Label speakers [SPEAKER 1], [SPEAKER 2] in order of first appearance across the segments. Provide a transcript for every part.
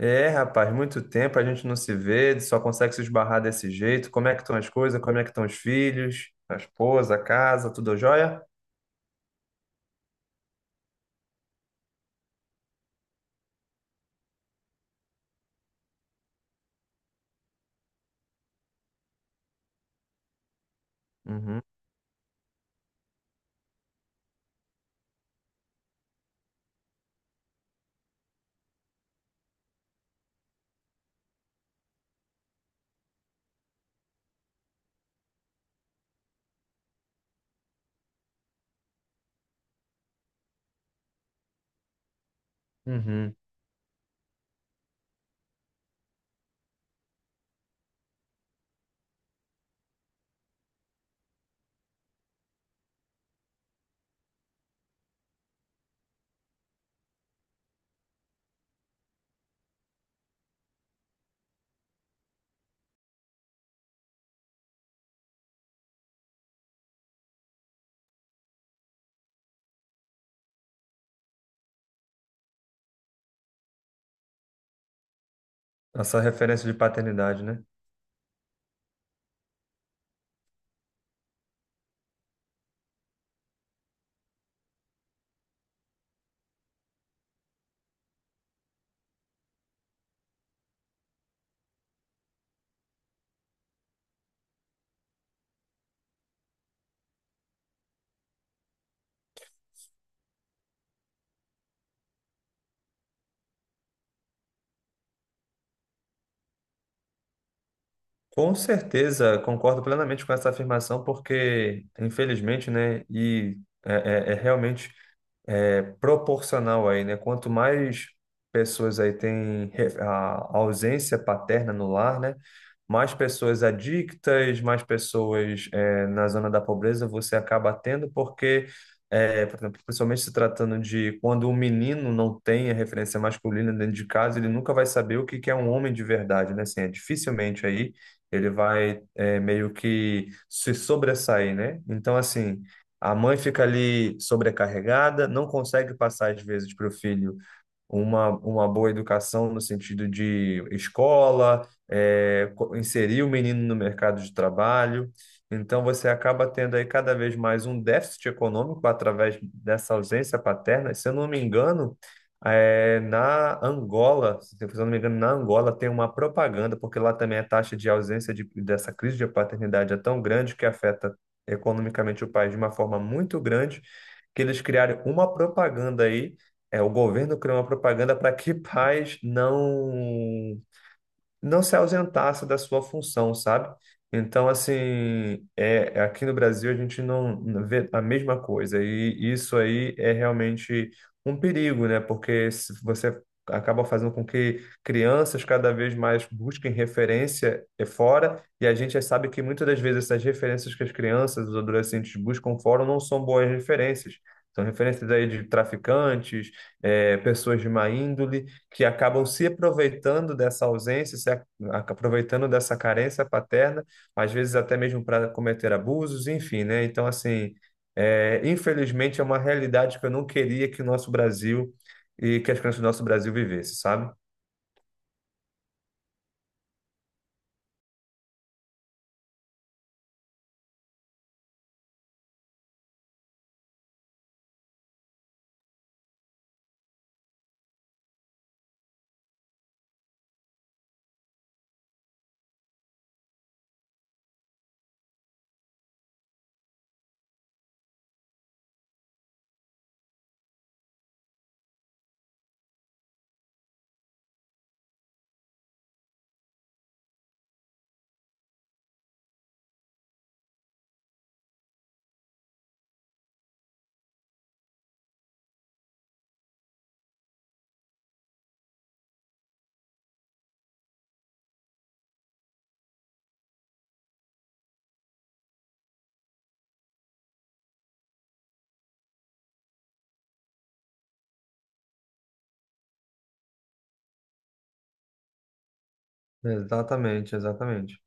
[SPEAKER 1] É, rapaz, muito tempo a gente não se vê, só consegue se esbarrar desse jeito. Como é que estão as coisas? Como é que estão os filhos, a esposa, a casa, tudo jóia? Uhum, uhum. Essa referência de paternidade, né? Com certeza, concordo plenamente com essa afirmação, porque, infelizmente, né, realmente é proporcional aí, né? Quanto mais pessoas aí têm a ausência paterna no lar, né? Mais pessoas adictas, mais pessoas na zona da pobreza você acaba tendo, porque, por exemplo, principalmente se tratando de quando um menino não tem a referência masculina dentro de casa, ele nunca vai saber o que que é um homem de verdade, né? Assim, é dificilmente aí ele vai meio que se sobressair, né? Então, assim. A mãe fica ali sobrecarregada, não consegue passar, às vezes, para o filho uma boa educação no sentido de escola, inserir o menino no mercado de trabalho. Então, você acaba tendo aí cada vez mais um déficit econômico através dessa ausência paterna. Se eu não me engano, na Angola, se eu não me engano, na Angola tem uma propaganda, porque lá também a taxa de ausência de, dessa crise de paternidade é tão grande que afeta economicamente o país de uma forma muito grande, que eles criaram uma propaganda aí o governo criou uma propaganda para que pais não se ausentasse da sua função, sabe? Então, assim, é, aqui no Brasil a gente não vê a mesma coisa, e isso aí é realmente um perigo, né? Porque se você acaba fazendo com que crianças cada vez mais busquem referência é fora, e a gente já sabe que muitas das vezes essas referências que as crianças, os adolescentes buscam fora não são boas referências. São referências aí de traficantes, pessoas de má índole, que acabam se aproveitando dessa ausência, se a- aproveitando dessa carência paterna, às vezes até mesmo para cometer abusos, enfim, né? Então, assim, é, infelizmente é uma realidade que eu não queria que o nosso Brasil e que as crianças do nosso Brasil vivessem, sabe? Exatamente, exatamente.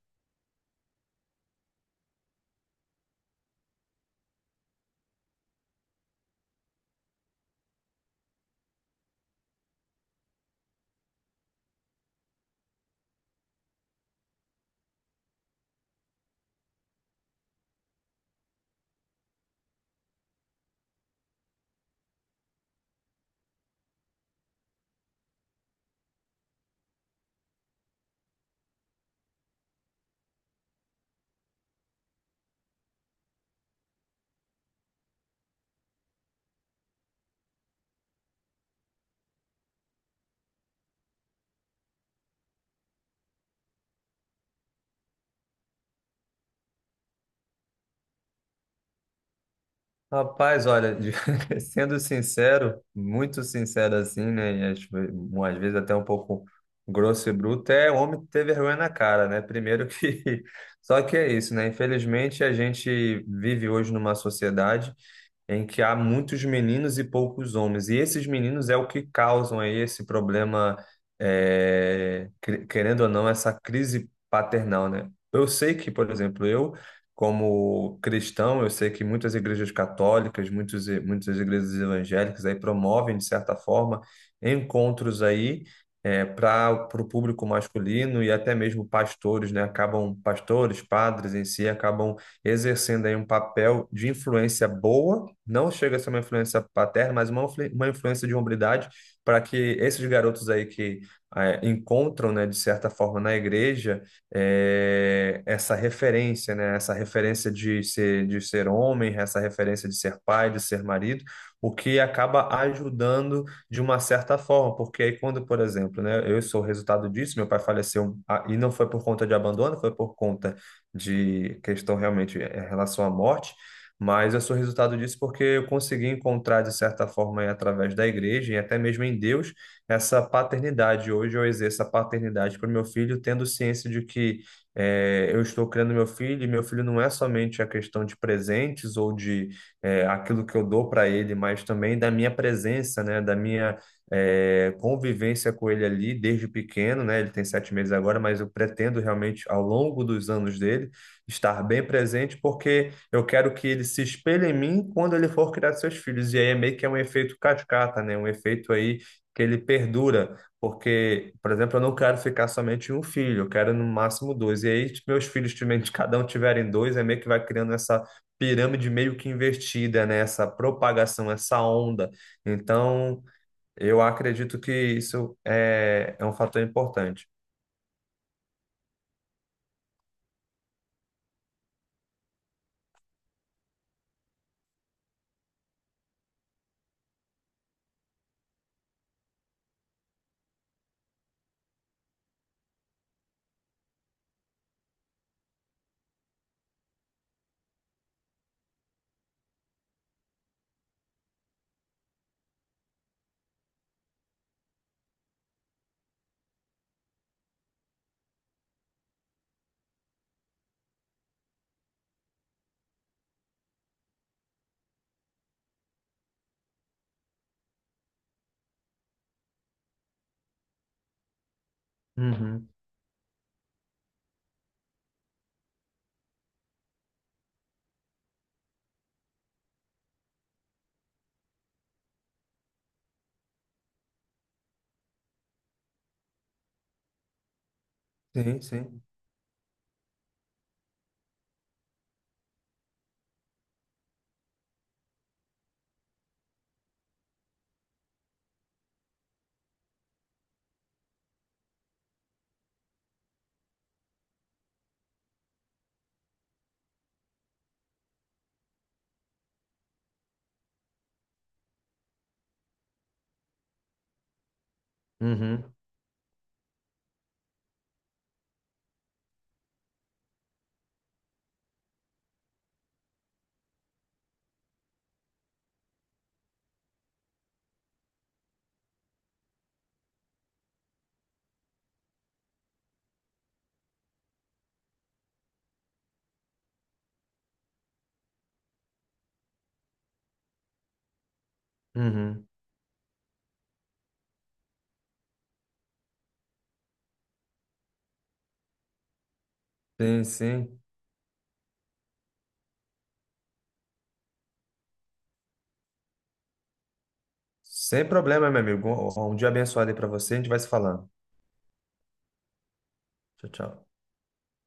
[SPEAKER 1] Rapaz, olha, sendo sincero, muito sincero assim, né? E às vezes até um pouco grosso e bruto, é homem ter vergonha na cara, né? Primeiro que. Só que é isso, né? Infelizmente, a gente vive hoje numa sociedade em que há muitos meninos e poucos homens. E esses meninos é o que causam aí esse problema, querendo ou não, essa crise paternal, né? Eu sei que, por exemplo, eu, como cristão, eu sei que muitas igrejas católicas, muitas igrejas evangélicas aí promovem, de certa forma, encontros aí. Para o público masculino e até mesmo pastores, né? Acabam, pastores, padres em si, acabam exercendo aí um papel de influência boa, não chega a ser uma influência paterna, mas uma influência de hombridade para que esses garotos aí que encontram, né, de certa forma na igreja, essa referência, né, essa referência de ser homem, essa referência de ser pai, de ser marido, o que acaba ajudando de uma certa forma, porque aí quando, por exemplo, né, eu sou o resultado disso, meu pai faleceu e não foi por conta de abandono, foi por conta de questão realmente em relação à morte, mas eu sou resultado disso porque eu consegui encontrar, de certa forma, aí, através da igreja e até mesmo em Deus, essa paternidade. Hoje eu exerço a paternidade para o meu filho, tendo ciência de que eu estou criando meu filho, e meu filho não é somente a questão de presentes ou de aquilo que eu dou para ele, mas também da minha presença, né, da minha convivência com ele ali desde pequeno, né? Ele tem 7 meses agora, mas eu pretendo realmente, ao longo dos anos dele, estar bem presente, porque eu quero que ele se espelhe em mim quando ele for criar seus filhos. E aí é meio que é um efeito cascata, né? Um efeito aí que ele perdura. Porque, por exemplo, eu não quero ficar somente em um filho, eu quero no máximo dois. E aí, se meus filhos, cada um tiverem dois, é meio que vai criando essa pirâmide meio que invertida, né? Essa propagação, essa onda. Então, eu acredito que isso é um fator importante. Uhum. Sim, sim. Uhum. Uhum. Sim, sim. Sem problema, meu amigo. Um dia abençoado aí para você. A gente vai se falando. Tchau, tchau.